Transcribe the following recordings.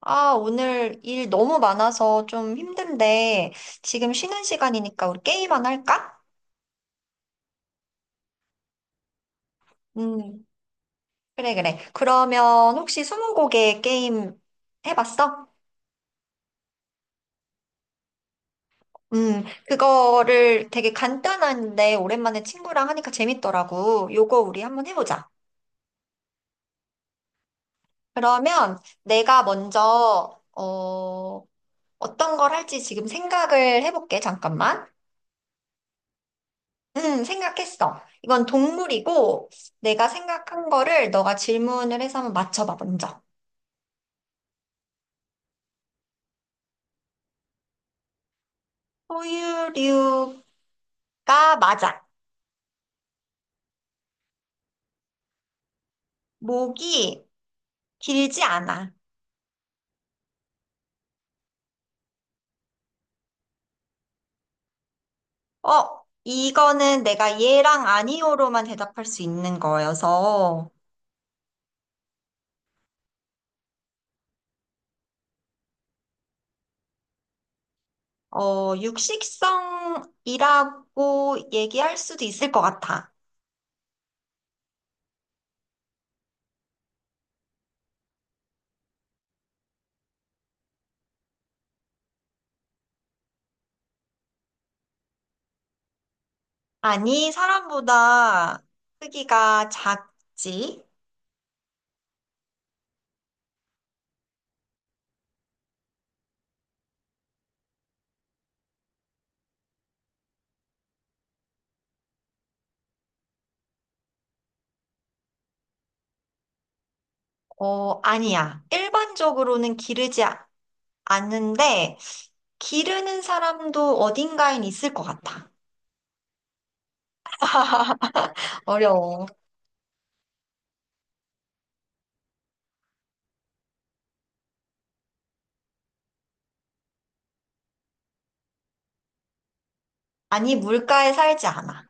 아, 오늘 일 너무 많아서 좀 힘든데, 지금 쉬는 시간이니까 우리 게임 안 할까? 음, 그래, 그래. 그러면 혹시 스무고개 게임 해봤어? 그거를 되게 간단한데, 오랜만에 친구랑 하니까 재밌더라고. 요거 우리 한번 해보자. 그러면 내가 먼저, 어떤 걸 할지 지금 생각을 해볼게. 잠깐만. 생각했어. 이건 동물이고, 내가 생각한 거를 너가 질문을 해서 한번 맞춰봐, 먼저. 포유류가 맞아. 목이 길지 않아. 어, 이거는 내가 예랑 아니오로만 대답할 수 있는 거여서, 어, 육식성이라고 얘기할 수도 있을 것 같아. 아니, 사람보다 크기가 작지? 어, 아니야. 일반적으로는 기르지 아는데 기르는 사람도 어딘가엔 있을 것 같아. 어려워. 아니, 물가에 살지 않아.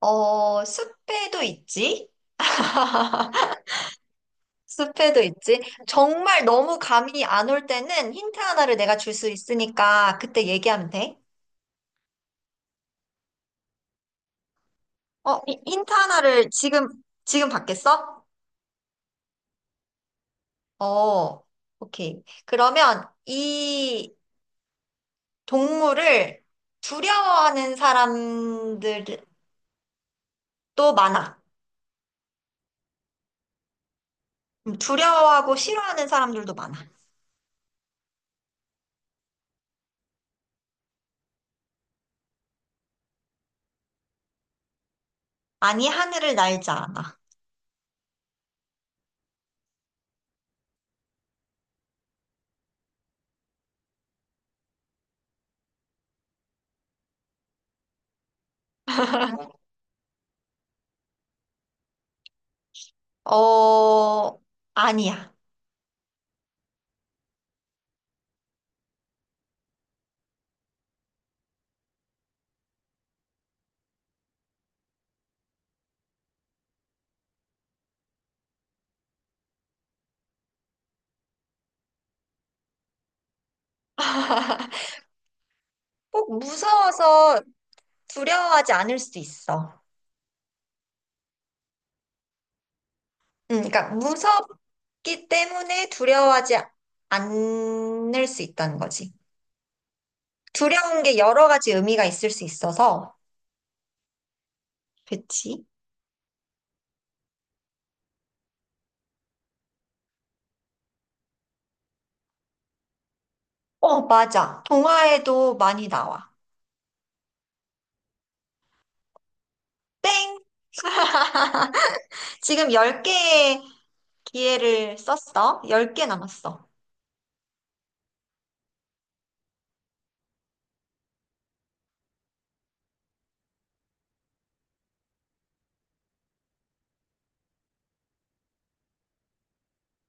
어, 숲에도 있지? 숲에도 있지? 정말 너무 감이 안 올 때는 힌트 하나를 내가 줄 수 있으니까 그때 얘기하면 돼. 어, 힌트 하나를 지금, 지금 받겠어? 어, 오케이. 그러면 이 동물을 두려워하는 사람들도 많아. 두려워하고 싫어하는 사람들도 많아. 아니, 하늘을 날지 않아. 어, 아니야. 꼭 무서워서 두려워하지 않을 수 있어. 그러니까 무섭기 때문에 두려워하지 않을 수 있다는 거지. 두려운 게 여러 가지 의미가 있을 수 있어서. 그치? 어, 맞아. 동화에도 많이 나와. 땡! 지금 10개의 기회를 썼어. 10개 남았어.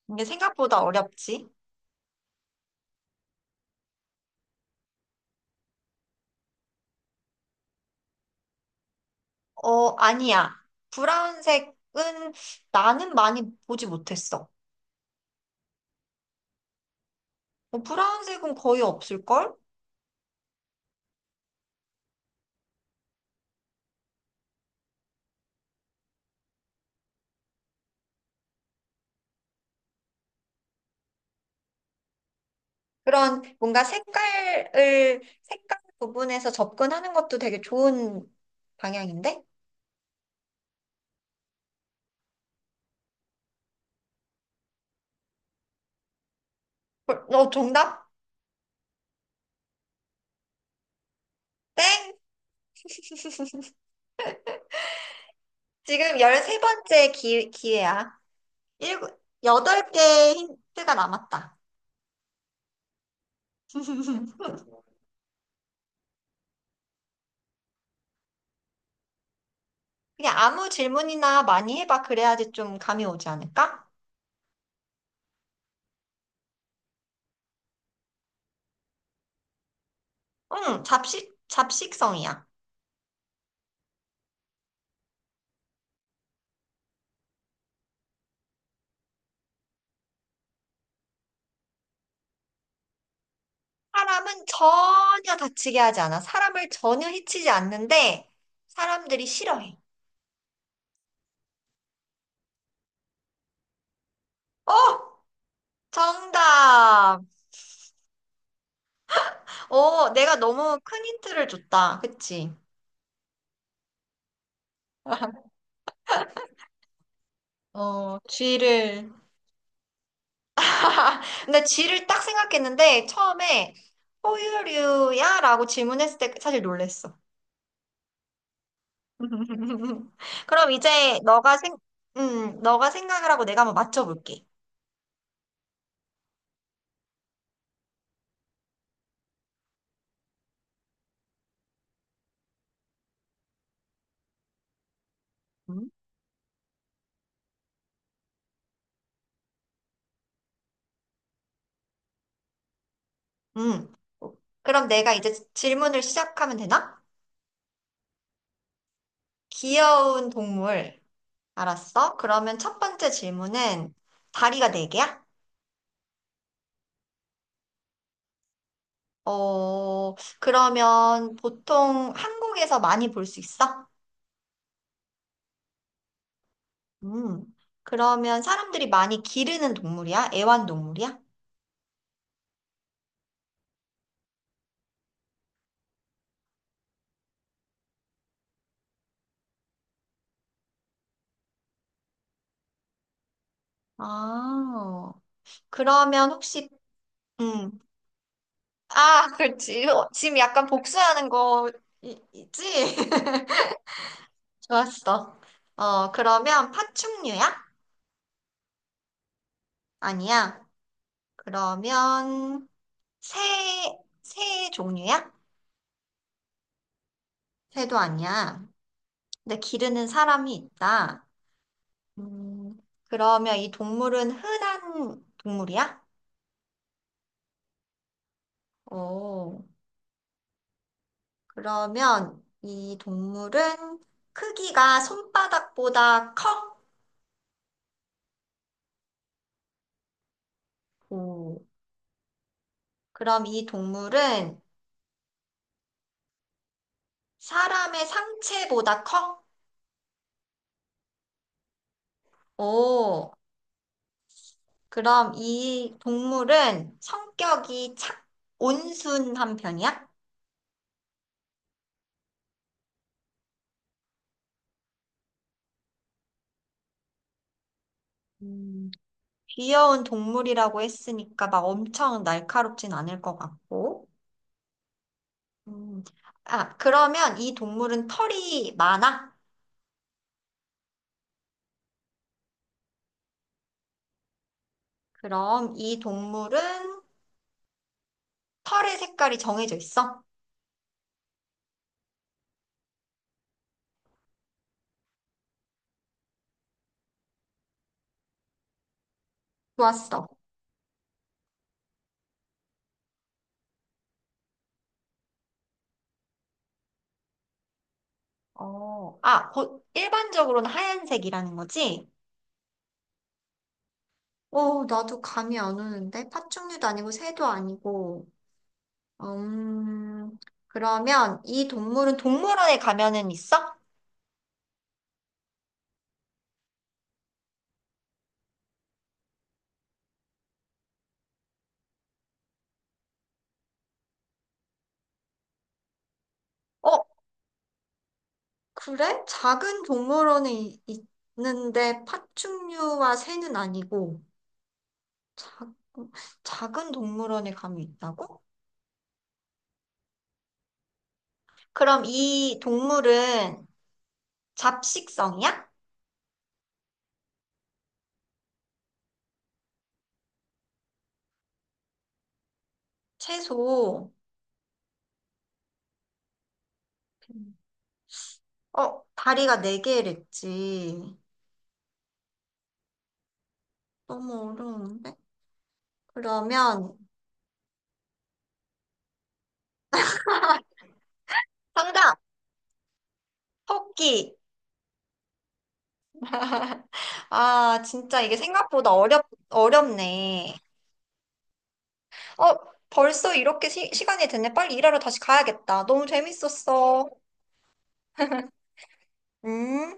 이게 생각보다 어렵지? 어, 아니야. 브라운색은 나는 많이 보지 못했어. 뭐 브라운색은 거의 없을걸? 그런 뭔가 색깔을, 색깔 부분에서 접근하는 것도 되게 좋은 방향인데? 어, 어, 정답? 땡! 지금 열세 번째 기회야. 일곱, 덟개의 힌트가 남았다. 그냥 아무 질문이나 많이 해봐. 그래야지 좀 감이 오지 않을까? 응, 잡식성이야. 사람은 전혀 다치게 하지 않아. 사람을 전혀 해치지 않는데 사람들이 싫어해. 어! 정답! 어, 내가 너무 큰 힌트를 줬다. 그치? 어, 쥐를. 근데 쥐를 딱 생각했는데 처음에 포유류야? 라고 질문했을 때 사실 놀랬어. 그럼 이제 너가 생각을 하고 내가 한번 맞춰볼게. 음. 그럼 내가 이제 질문을 시작하면 되나? 귀여운 동물. 알았어. 그러면 첫 번째 질문은 다리가 네 개야? 어, 그러면 보통 한국에서 많이 볼 수 있어? 음. 그러면 사람들이 많이 기르는 동물이야? 애완동물이야? 아, 그러면 혹시, 음. 아, 그렇지. 어, 지금 약간 복수하는 거 있지? 좋았어. 어, 그러면 파충류야? 아니야. 그러면 새, 새 종류야? 새도 아니야. 근데 기르는 사람이 있다. 음, 그러면 이 동물은 흔한 동물이야? 오, 그러면 이 동물은 크기가 손바닥보다 커? 오, 그럼 이 동물은 사람의 상체보다 커? 오, 그럼 이 동물은 성격이 온순한 편이야? 음, 귀여운 동물이라고 했으니까 막 엄청 날카롭진 않을 것 같고. 음, 아, 그러면 이 동물은 털이 많아? 그럼 이 동물은 털의 색깔이 정해져 있어? 좋았어. 어, 아, 일반적으로는 하얀색이라는 거지? 어, 나도 감이 안 오는데? 파충류도 아니고 새도 아니고. 음, 그러면 이 동물은 동물원에 가면은 있어? 어, 그래? 작은 동물원에 있는데 파충류와 새는 아니고 작, 작은 동물원에 감이 있다고? 그럼 이 동물은 잡식성이야? 채소. 어, 다리가 네 개랬지. 너무 어려운데? 그러면 정답! 토끼. 아, 진짜 이게 생각보다 어렵네. 어, 벌써 이렇게 시간이 됐네. 빨리 일하러 다시 가야겠다. 너무 재밌었어. 응?